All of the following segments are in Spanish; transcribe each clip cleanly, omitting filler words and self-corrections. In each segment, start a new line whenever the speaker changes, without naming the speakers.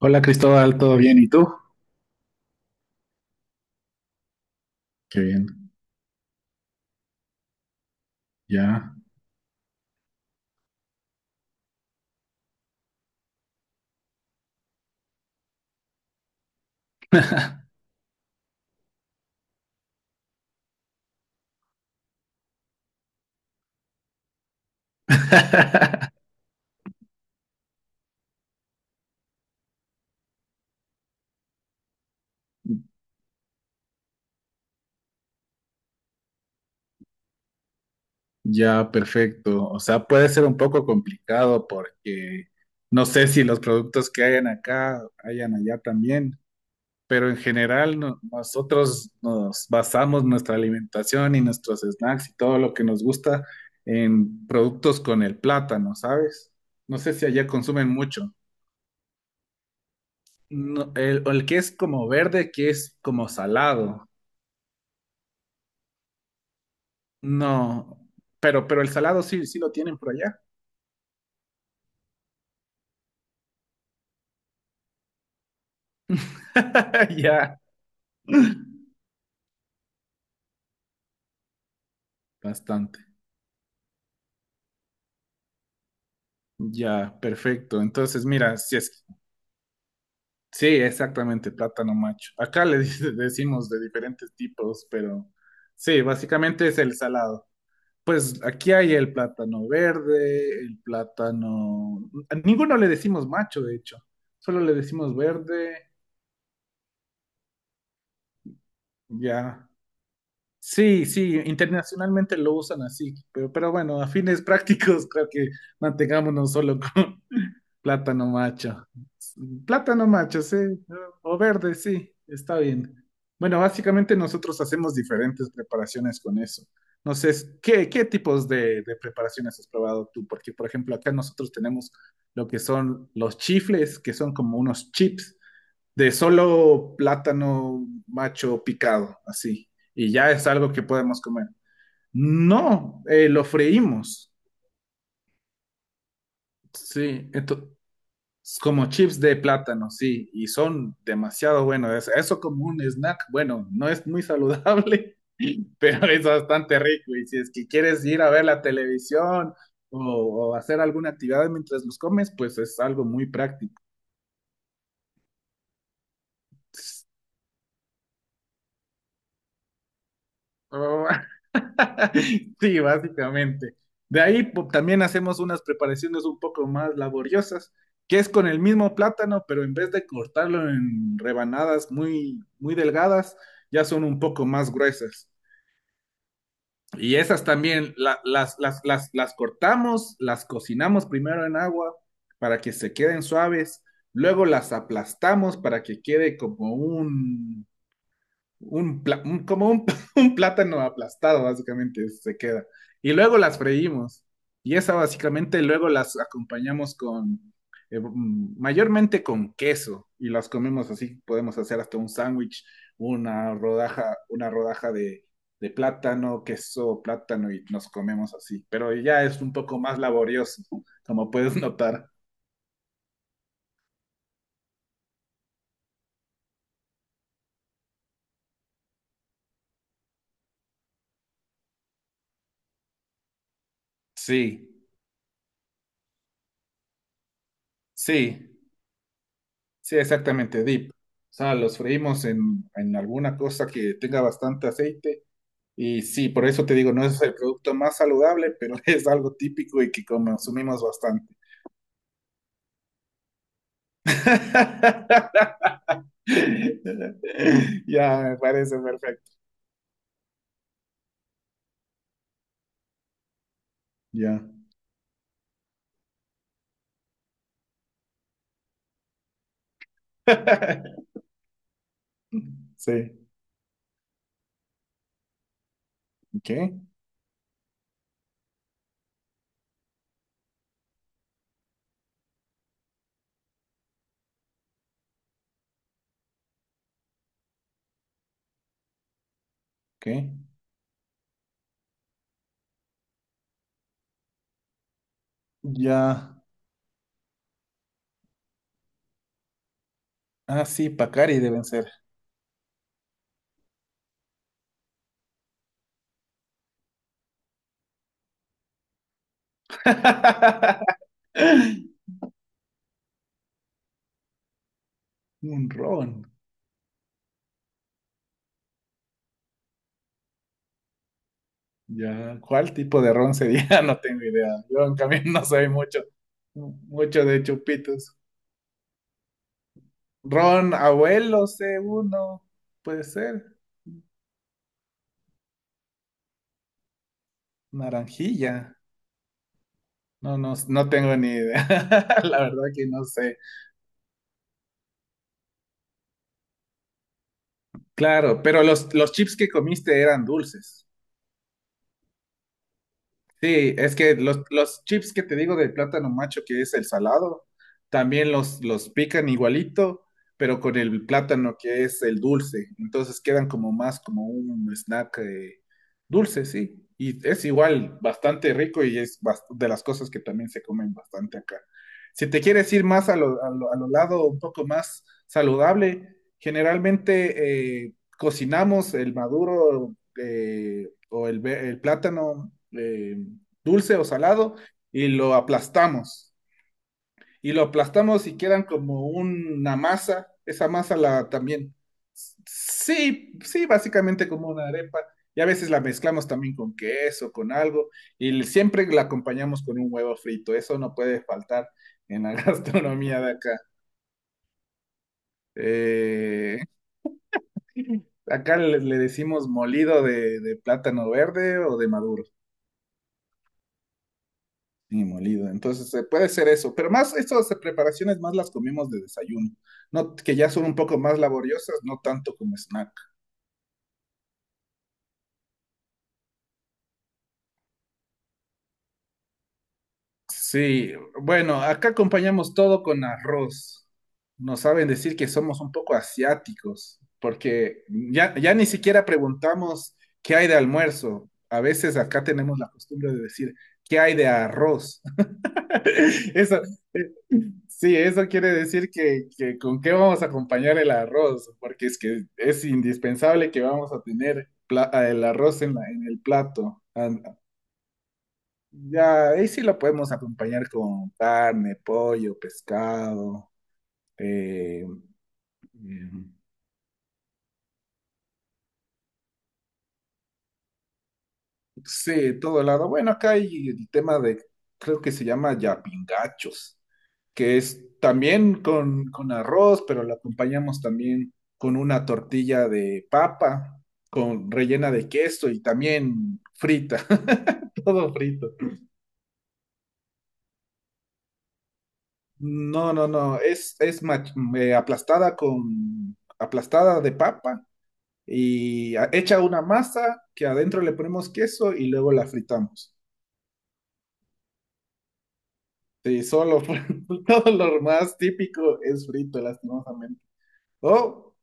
Hola Cristóbal, ¿todo bien? ¿Y tú? Qué bien, ya. Ya, perfecto. O sea, puede ser un poco complicado porque no sé si los productos que hayan acá hayan allá también, pero en general nosotros nos basamos nuestra alimentación y nuestros snacks y todo lo que nos gusta en productos con el plátano, ¿sabes? No sé si allá consumen mucho. No, el que es como verde, que es como salado. No, pero el salado sí, sí lo tienen por allá. Ya, bastante. Ya, perfecto. Entonces, mira, si es, sí, exactamente, plátano macho. Acá le decimos de diferentes tipos, pero sí, básicamente es el salado. Pues aquí hay el plátano verde, el plátano, a ninguno le decimos macho, de hecho. Solo le decimos verde, ya. Sí, sí, internacionalmente lo usan así, pero bueno, a fines prácticos creo que mantengámonos solo con plátano macho. Plátano macho, sí, ¿no? O verde, sí, está bien. Bueno, básicamente nosotros hacemos diferentes preparaciones con eso. No sé, qué tipos de preparaciones has probado tú? Porque, por ejemplo, acá nosotros tenemos lo que son los chifles, que son como unos chips de solo plátano macho picado, así. Y ya es algo que podemos comer. No, lo freímos. Sí, es como chips de plátano, sí, y son demasiado buenos. Eso como un snack, bueno, no es muy saludable, pero es bastante rico. Y si es que quieres ir a ver la televisión o hacer alguna actividad mientras los comes, pues es algo muy práctico. Oh, sí, básicamente. De ahí también hacemos unas preparaciones un poco más laboriosas, que es con el mismo plátano, pero en vez de cortarlo en rebanadas muy, muy delgadas, ya son un poco más gruesas. Y esas también las cortamos, las cocinamos primero en agua para que se queden suaves, luego las aplastamos para que quede como un, un plátano aplastado, básicamente, se queda. Y luego las freímos. Y esa básicamente luego las acompañamos con, mayormente con queso. Y las comemos así, podemos hacer hasta un sándwich, una rodaja de plátano, queso, plátano, y nos comemos así. Pero ya es un poco más laborioso, como puedes notar. Sí, sí. Sí, exactamente, dip. O sea, los freímos en alguna cosa que tenga bastante aceite. Y sí, por eso te digo, no es el producto más saludable, pero es algo típico y que consumimos bastante. Ya, me parece perfecto. Ya. Sí. ¿Qué? ¿Qué? Ya. Ah, sí, Pacari deben ser. Un ron. Ya, ¿cuál tipo de ron sería? No tengo idea. Yo en cambio no soy mucho de chupitos. Ron abuelo c uno, puede ser. Naranjilla. No, no, no tengo ni idea. La verdad que no sé. Claro, pero los chips que comiste eran dulces. Sí, es que los chips que te digo de plátano macho, que es el salado, también los pican igualito, pero con el plátano que es el dulce. Entonces quedan como más como un snack dulce, sí. Y es igual, bastante rico y es de las cosas que también se comen bastante acá. Si te quieres ir más a lo, a lo lado un poco más saludable, generalmente cocinamos el maduro o el, el plátano. Dulce o salado, y lo aplastamos. Y lo aplastamos y quedan como una masa. Esa masa la también. Sí, sí, básicamente como una arepa. Y a veces la mezclamos también con queso, con algo. Y siempre la acompañamos con un huevo frito. Eso no puede faltar en la gastronomía de acá. Eh, Acá le decimos molido de plátano verde o de maduro. Sí, molido. Entonces puede ser eso. Pero más estas preparaciones más las comemos de desayuno, no, que ya son un poco más laboriosas, no tanto como snack. Sí, bueno, acá acompañamos todo con arroz. Nos saben decir que somos un poco asiáticos, porque ya, ya ni siquiera preguntamos qué hay de almuerzo. A veces acá tenemos la costumbre de decir qué hay de arroz. Eso, eh, sí, eso quiere decir que con qué vamos a acompañar el arroz, porque es que es indispensable que vamos a tener el arroz en, en el plato. An- Ya, ahí sí lo podemos acompañar con carne, pollo, pescado, eh, sí, todo lado. Bueno, acá hay el tema de, creo que se llama yapingachos, que es también con arroz, pero lo acompañamos también con una tortilla de papa, con rellena de queso y también frita, todo frito. No, no, no, es, aplastada con, aplastada de papa y hecha una masa que adentro le ponemos queso y luego la fritamos. Sí, solo todo lo más típico es frito, lastimosamente. O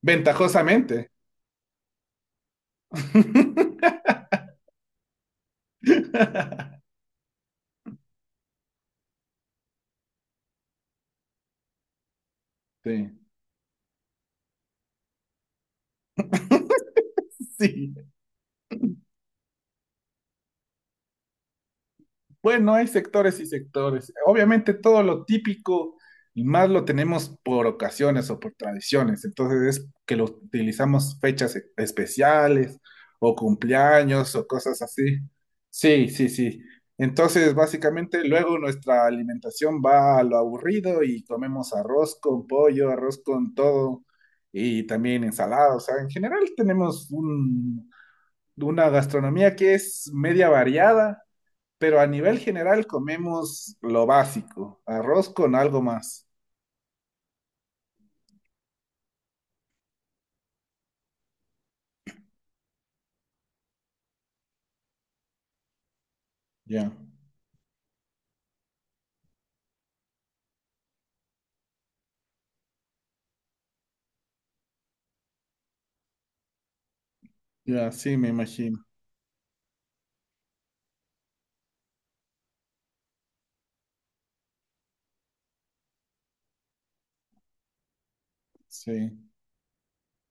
ventajosamente. Sí. Sí. Bueno, hay sectores y sectores. Obviamente todo lo típico y más lo tenemos por ocasiones o por tradiciones. Entonces es que lo utilizamos fechas especiales o cumpleaños o cosas así. Sí, sí, sí. Entonces básicamente luego nuestra alimentación va a lo aburrido y comemos arroz con pollo, arroz con todo y también ensalada. O sea, en general tenemos una gastronomía que es media variada pero a nivel general comemos lo básico, arroz con algo más. Ya, ya, sí, me imagino. Sí.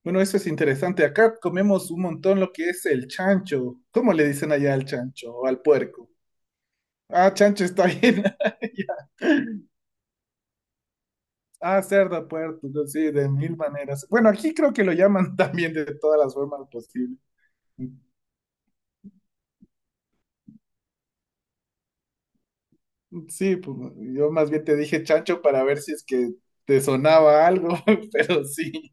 Bueno, eso es interesante. Acá comemos un montón lo que es el chancho. ¿Cómo le dicen allá al chancho o al puerco? Ah, chancho está bien. Ya. Ah, cerdo, puerco, no, sí, de mil maneras. Bueno, aquí creo que lo llaman también de todas las formas posibles. Sí, pues yo más bien te dije chancho para ver si es que te sonaba algo, pero sí.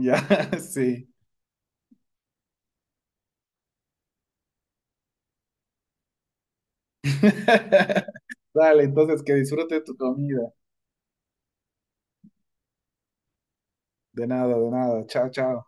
Ya, sí. Dale, entonces que disfrute tu comida. De nada, de nada. Chao, chao.